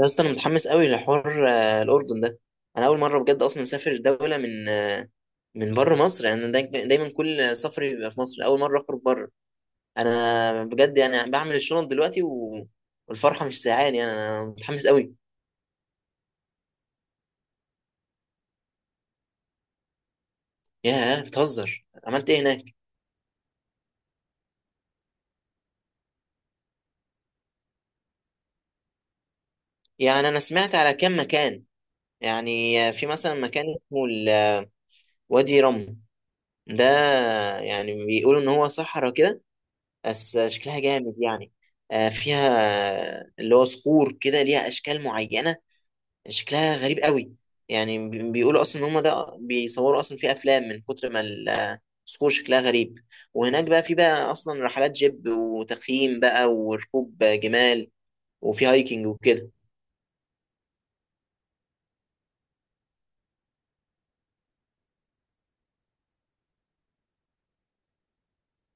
يا اسطى انا متحمس قوي لحوار، الاردن ده. انا اول مره بجد اصلا اسافر دوله من، من بره مصر. يعني أنا دايما كل سفري بيبقى في مصر، اول مره اخرج بره. انا بجد يعني بعمل الشنط دلوقتي و... والفرحه مش ساعاني، يعني انا متحمس قوي. ياه، بتهزر، عملت ايه هناك؟ يعني انا سمعت على كام مكان. يعني في مثلا مكان اسمه وادي رم ده. يعني بيقولوا ان هو صحراء كده، بس شكلها جامد يعني. فيها اللي هو صخور كده ليها اشكال معينه، شكلها غريب قوي. يعني بيقولوا اصلا ان هم ده بيصوروا اصلا في افلام، من كتر ما الصخور شكلها غريب. وهناك بقى في بقى اصلا رحلات جيب وتخييم بقى وركوب جمال، وفي هايكنج وكده.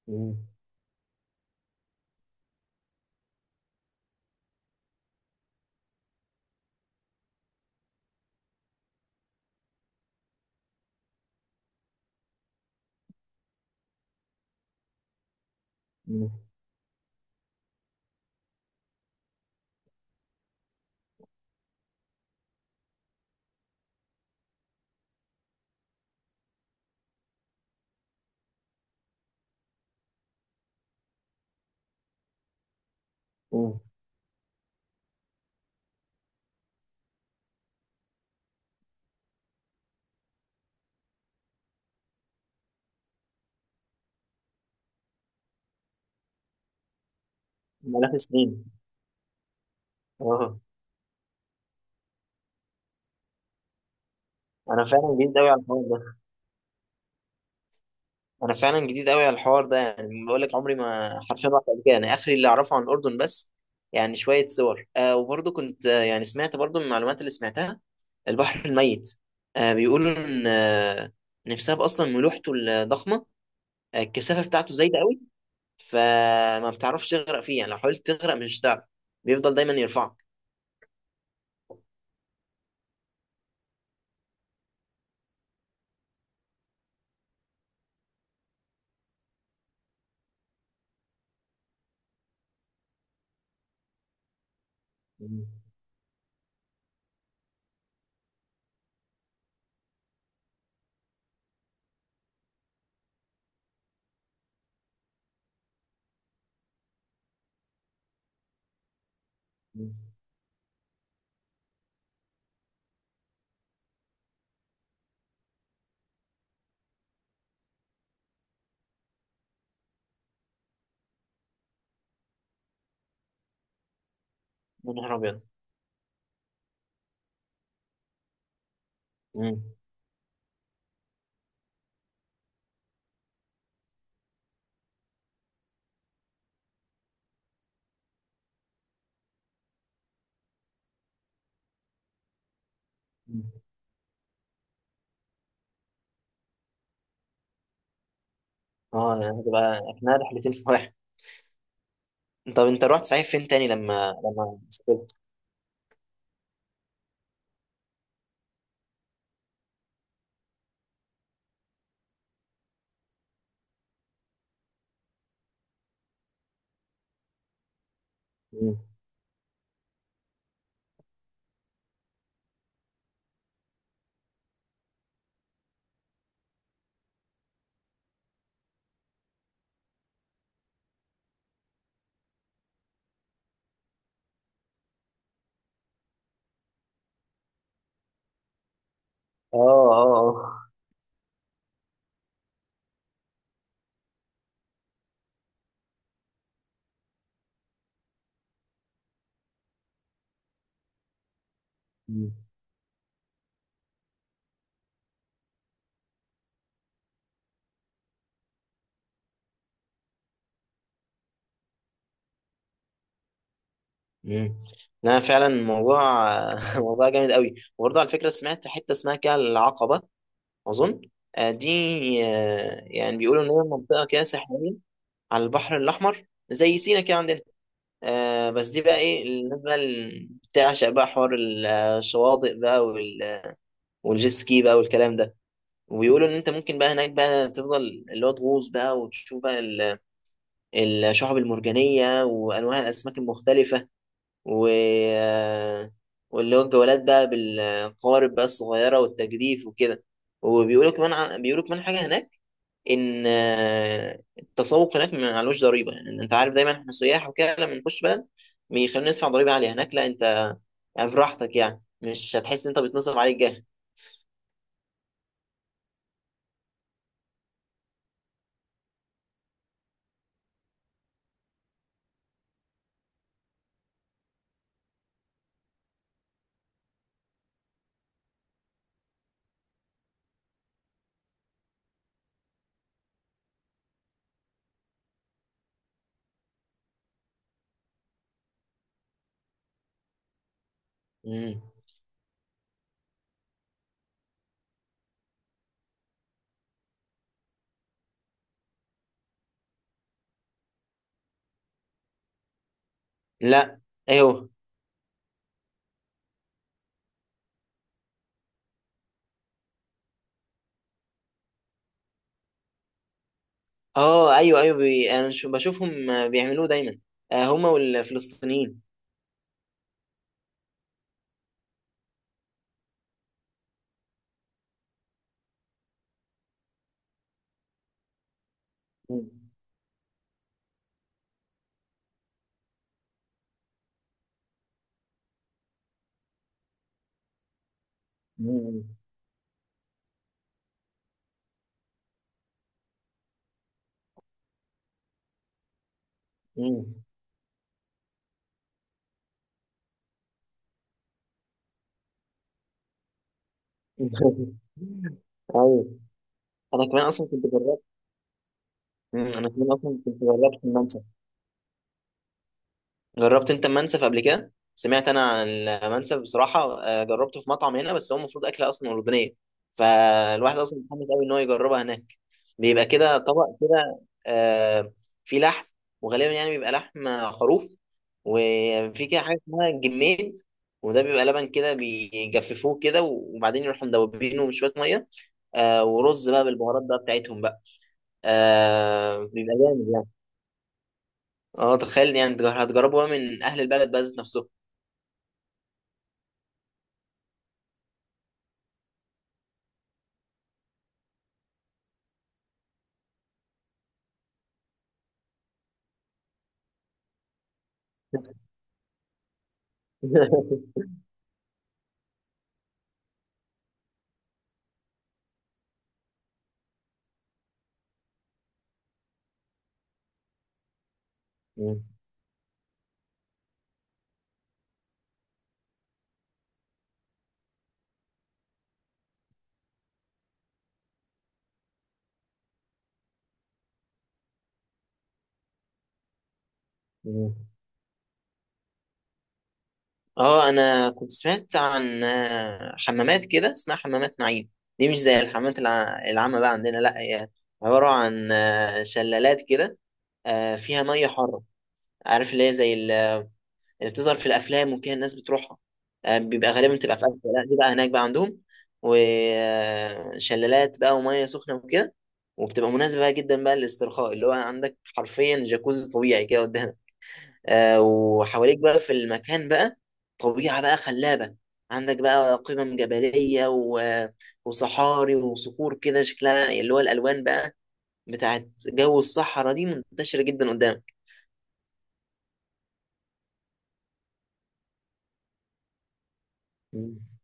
مم. مم. مم. ملاك سنين. اه، انا فعلا جديد قوي على الحوار ده. انا فعلا جديد قوي على الحوار ده، يعني بقول لك عمري ما حرفيا رحت قبل كده. انا اخري اللي اعرفه عن الاردن بس يعني شويه صور، وبرضه كنت، يعني سمعت برضه من المعلومات اللي سمعتها، البحر الميت. بيقولوا ان بسبب اصلا ملوحته الضخمه، الكثافه بتاعته زايده قوي، فما بتعرفش تغرق فيه، يعني لو حاولت تغرق مش هتعرف، بيفضل دايما يرفعك. مم. مم. يا نهار ابيض. مم. مم. اه، هتبقى اكنها رحلتين في واحد. طب انت رحت صحيح فين تاني لما سافرت؟ اه، اه. مم. ايه. لا فعلا الموضوع موضوع جامد قوي، وبرضه على فكره سمعت حته اسمها كده العقبه، اظن. دي، يعني بيقولوا ان هي منطقه كده ساحليه على البحر الاحمر، زي سينا كده عندنا. بس دي بقى ايه الناس بقى اللي بتعشق بقى حوار الشواطئ بقى والجيت سكي بقى والكلام ده. وبيقولوا ان انت ممكن بقى هناك بقى تفضل اللي هو تغوص بقى وتشوف بقى الشعب المرجانيه وانواع الاسماك المختلفه. و واللي هو الجولات بقى بالقوارب بقى الصغيرة والتجديف وكده. بيقولوا كمان حاجة هناك. إن التسوق هناك معلوش ضريبة، يعني إن أنت عارف دايما إحنا سياح وكده لما نخش بلد بيخلينا ندفع ضريبة عالية، هناك لا، أنت يعني براحتك، يعني مش هتحس إن أنت بتنصرف عليك جاه. مم. لا. أيوه. أه، أيوه أيوه، أنا بشوفهم، بيعملوه دايما، هما والفلسطينيين. مم. مم. مم. ايوه، انا كمان اصلا كنت جربت. انا كمان اصلا كنت جربت المنسف. جربت انت المنسف قبل كده؟ سمعت انا عن المنسف بصراحه، جربته في مطعم هنا، بس هو المفروض اكله اصلا اردنيه، فالواحد اصلا متحمس قوي ان هو يجربها هناك. بيبقى كده طبق كده، آه، فيه لحم، وغالبا يعني بيبقى لحم خروف. وفي كده حاجه اسمها جميد، وده بيبقى لبن كده بيجففوه كده وبعدين يروحوا مدوبينه بشويه ميه، ورز بقى بالبهارات بقى بتاعتهم بقى، بيبقى جامد يعني. اه، تخيل، يعني هتجربوا بقى من اهل البلد بقى ذات نفسهم. مم. مم. اه، انا كنت سمعت عن حمامات كده اسمها حمامات نعيم. دي مش زي الحمامات العامة بقى عندنا، لا هي عبارة عن شلالات كده، فيها مية حارة. عارف اللي هي زي اللي بتظهر في الافلام وكده، الناس بتروحها، بيبقى غالبا بتبقى في اسيا، لا دي بقى هناك بقى عندهم، وشلالات بقى وميه سخنه وكده. وبتبقى مناسبة جدا بقى للاسترخاء، اللي هو عندك حرفيا جاكوزي طبيعي كده قدامك. وحواليك بقى في المكان بقى طبيعة بقى خلابة، عندك بقى قمم جبلية و... وصحاري وصخور كده شكلها اللي هو الألوان بقى بتاعت جو الصحراء دي منتشرة جدا قدامك. يا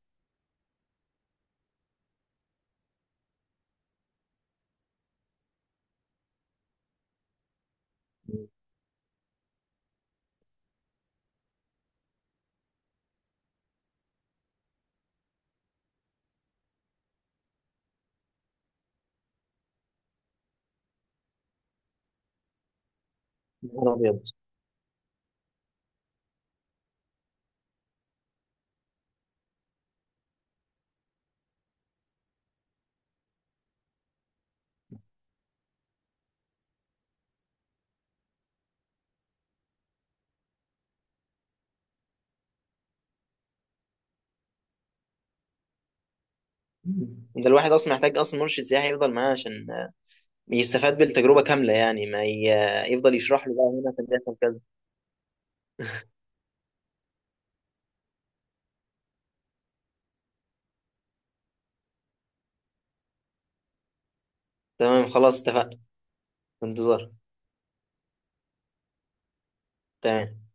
نهار أبيض. مم. ده الواحد اصلا محتاج اصلا مرشد سياحي يفضل معاه عشان يستفاد بالتجربه كامله، يعني ما ي- آه، يفضل يشرح له بقى هنا كان بيحصل كذا. تمام، خلاص اتفقنا. في انتظار. تمام.